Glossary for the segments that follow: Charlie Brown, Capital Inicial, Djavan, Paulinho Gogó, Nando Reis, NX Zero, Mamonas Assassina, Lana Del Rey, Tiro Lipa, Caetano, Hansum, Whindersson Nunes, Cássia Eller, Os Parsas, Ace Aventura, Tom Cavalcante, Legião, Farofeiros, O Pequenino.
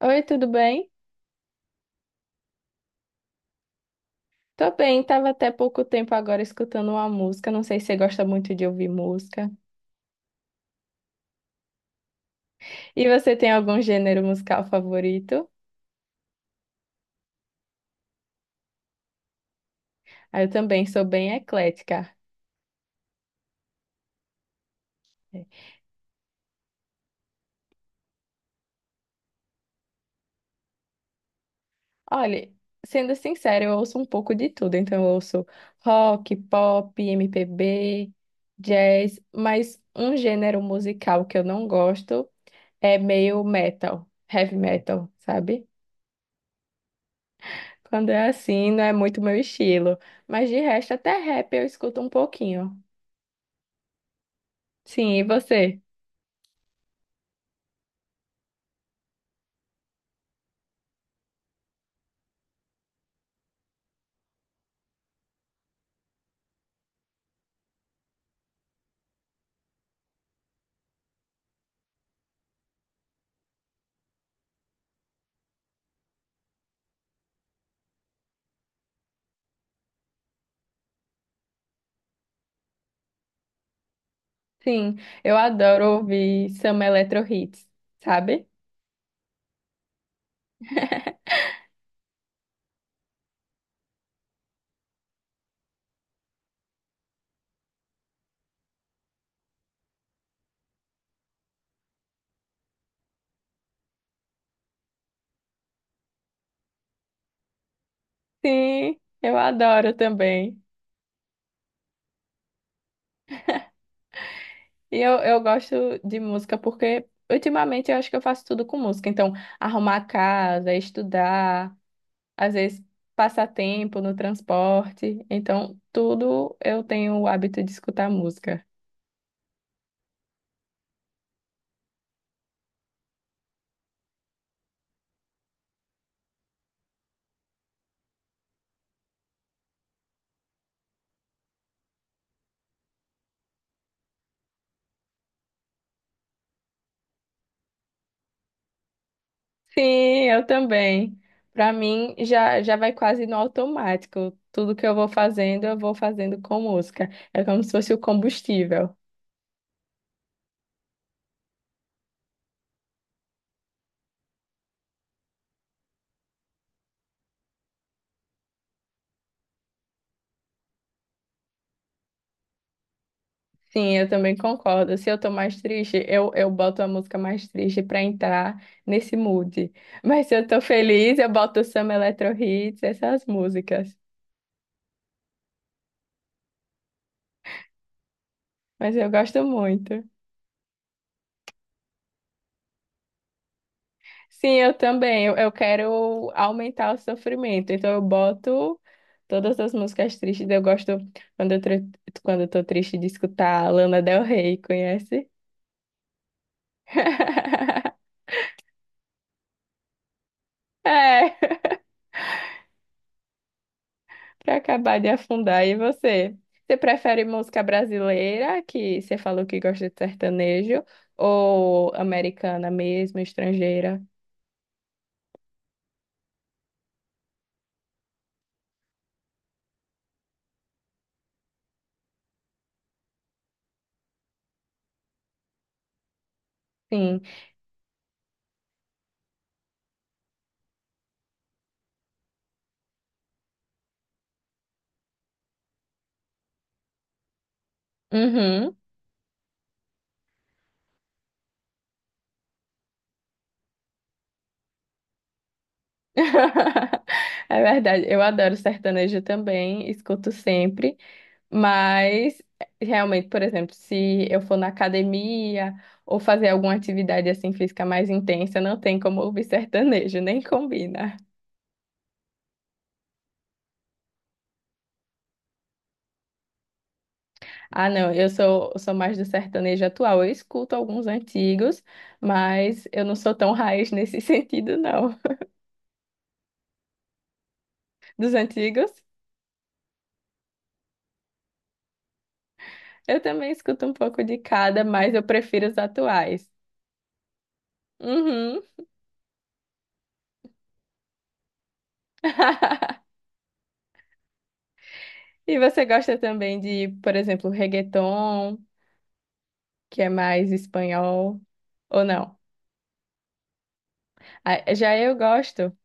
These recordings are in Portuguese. Oi, tudo bem? Tô bem, tava até pouco tempo agora escutando uma música. Não sei se você gosta muito de ouvir música. E você tem algum gênero musical favorito? Ah, eu também sou bem eclética. Olha, sendo sincera, eu ouço um pouco de tudo. Então, eu ouço rock, pop, MPB, jazz, mas um gênero musical que eu não gosto é meio metal, heavy metal, sabe? Quando é assim, não é muito meu estilo. Mas de resto, até rap eu escuto um pouquinho. Sim, e você? Sim, eu adoro ouvir Samba Eletro Hits, sabe? Sim, eu adoro também. E eu gosto de música porque ultimamente eu acho que eu faço tudo com música. Então, arrumar a casa, estudar, às vezes passar tempo no transporte. Então, tudo eu tenho o hábito de escutar música. Sim, eu também. Para mim, já vai quase no automático. Tudo que eu vou fazendo com música. É como se fosse o combustível. Sim, eu também concordo. Se eu tô mais triste, eu boto a música mais triste para entrar nesse mood. Mas se eu tô feliz, eu boto samba, eletro hits, essas músicas. Mas eu gosto muito. Sim, eu também. Eu quero aumentar o sofrimento. Então eu boto todas as músicas tristes. Eu gosto quando quando eu tô triste de escutar Lana Del Rey, conhece? É, pra acabar de afundar. E você? Você prefere música brasileira, que você falou que gosta de sertanejo, ou americana mesmo, estrangeira? Sim. Uhum. É verdade. Eu adoro sertanejo também, escuto sempre. Mas, realmente, por exemplo, se eu for na academia ou fazer alguma atividade assim física mais intensa, não tem como ouvir sertanejo, nem combina. Ah, não, eu sou mais do sertanejo atual. Eu escuto alguns antigos, mas eu não sou tão raiz nesse sentido, não. Dos antigos, eu também escuto um pouco de cada, mas eu prefiro os atuais. Uhum. E você gosta também de, por exemplo, reggaeton? Que é mais espanhol ou não. Ah, já eu gosto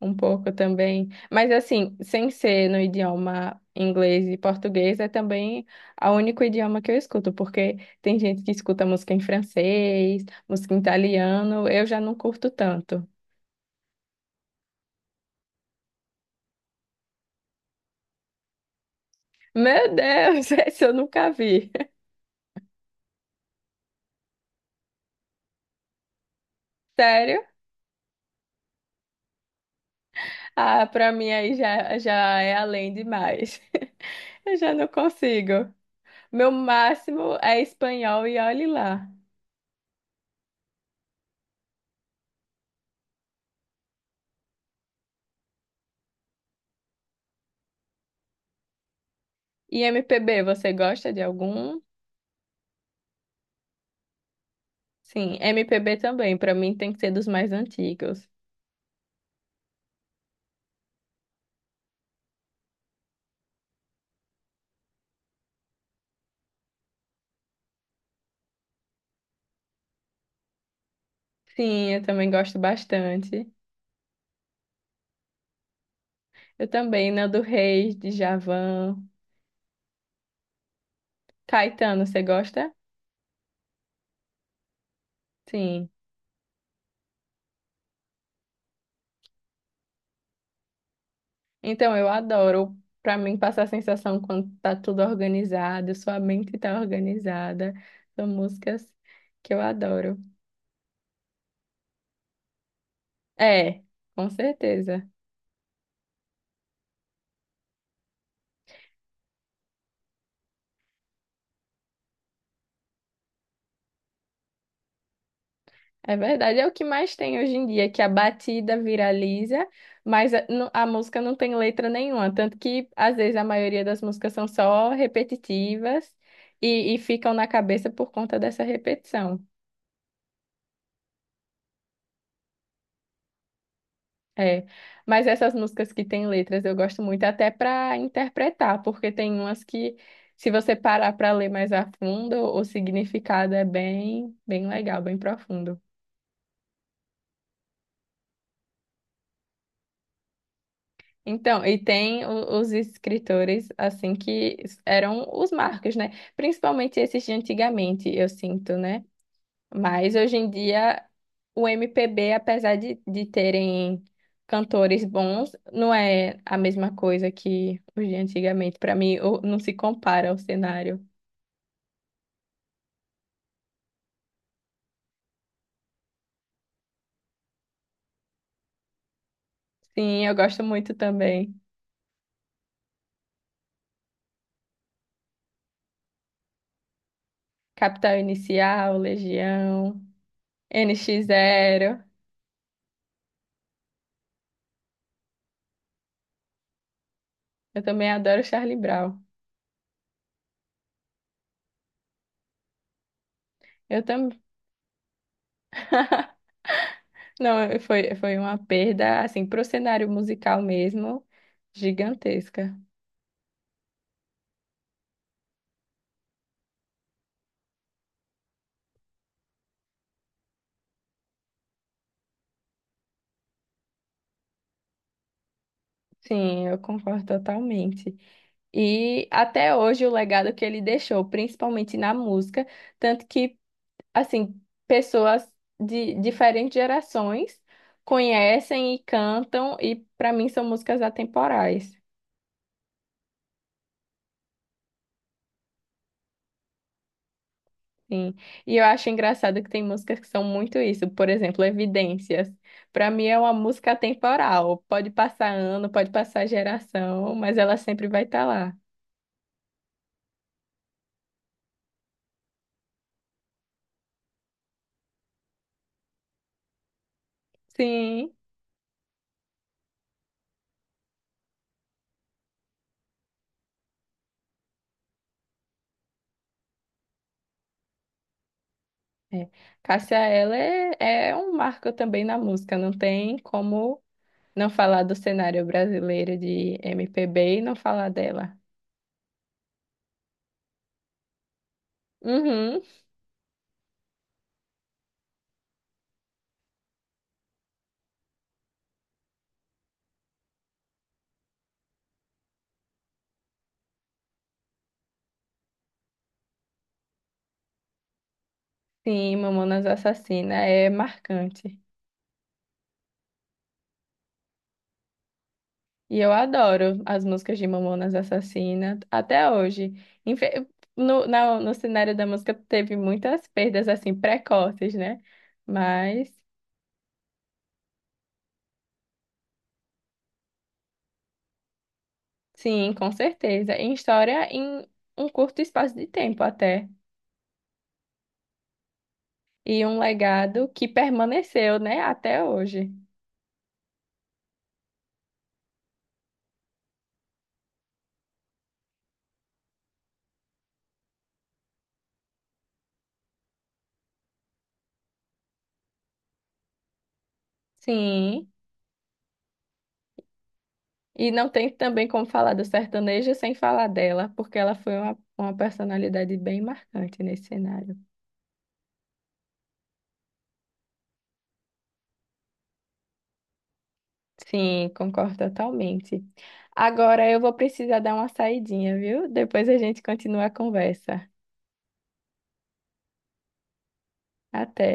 um pouco também, mas assim, sem ser no idioma inglês e português, é também o único idioma que eu escuto, porque tem gente que escuta música em francês, música em italiano, eu já não curto tanto. Meu Deus, esse eu nunca vi. Sério? Ah, pra mim aí já é além demais. Eu já não consigo. Meu máximo é espanhol e olhe lá. E MPB, você gosta de algum? Sim, MPB também, pra mim tem que ser dos mais antigos. Sim, eu também gosto bastante. Eu também, Nando Reis, Djavan, Caetano, você gosta? Sim. Então, eu adoro. Pra mim, passar a sensação quando tá tudo organizado, sua mente tá organizada. São músicas que eu adoro. É, com certeza. É verdade, é o que mais tem hoje em dia, que a batida viraliza, mas a música não tem letra nenhuma, tanto que às vezes a maioria das músicas são só repetitivas e ficam na cabeça por conta dessa repetição. É, mas essas músicas que têm letras eu gosto muito até para interpretar, porque tem umas que se você parar para ler mais a fundo, o significado é bem, bem legal, bem profundo. Então, e tem os escritores, assim, que eram os marcos, né? Principalmente esses de antigamente, eu sinto, né? Mas hoje em dia, o MPB, apesar de terem cantores bons, não é a mesma coisa que os de antigamente. Para mim, não se compara ao cenário. Sim, eu gosto muito também. Capital Inicial, Legião, NX Zero. Eu também adoro Charlie Brown. Eu também. Não, foi uma perda, assim, pro cenário musical mesmo, gigantesca. Sim, eu concordo totalmente. E até hoje o legado que ele deixou, principalmente na música, tanto que, assim, pessoas de diferentes gerações conhecem e cantam, e para mim são músicas atemporais. Sim. E eu acho engraçado que tem músicas que são muito isso. Por exemplo, Evidências. Pra mim é uma música atemporal. Pode passar ano, pode passar geração, mas ela sempre vai estar lá. Sim. É. Cássia Eller é, é um marco também na música. Não tem como não falar do cenário brasileiro de MPB e não falar dela. Uhum. Sim, Mamonas Assassina é marcante. E eu adoro as músicas de Mamonas Assassina até hoje. Infe- no cenário da música teve muitas perdas assim precoces, né? Mas sim, com certeza. Em história, em um curto espaço de tempo até. E um legado que permaneceu, né, até hoje. Sim. E não tem também como falar do sertanejo sem falar dela, porque ela foi uma personalidade bem marcante nesse cenário. Sim, concordo totalmente. Agora eu vou precisar dar uma saidinha, viu? Depois a gente continua a conversa. Até.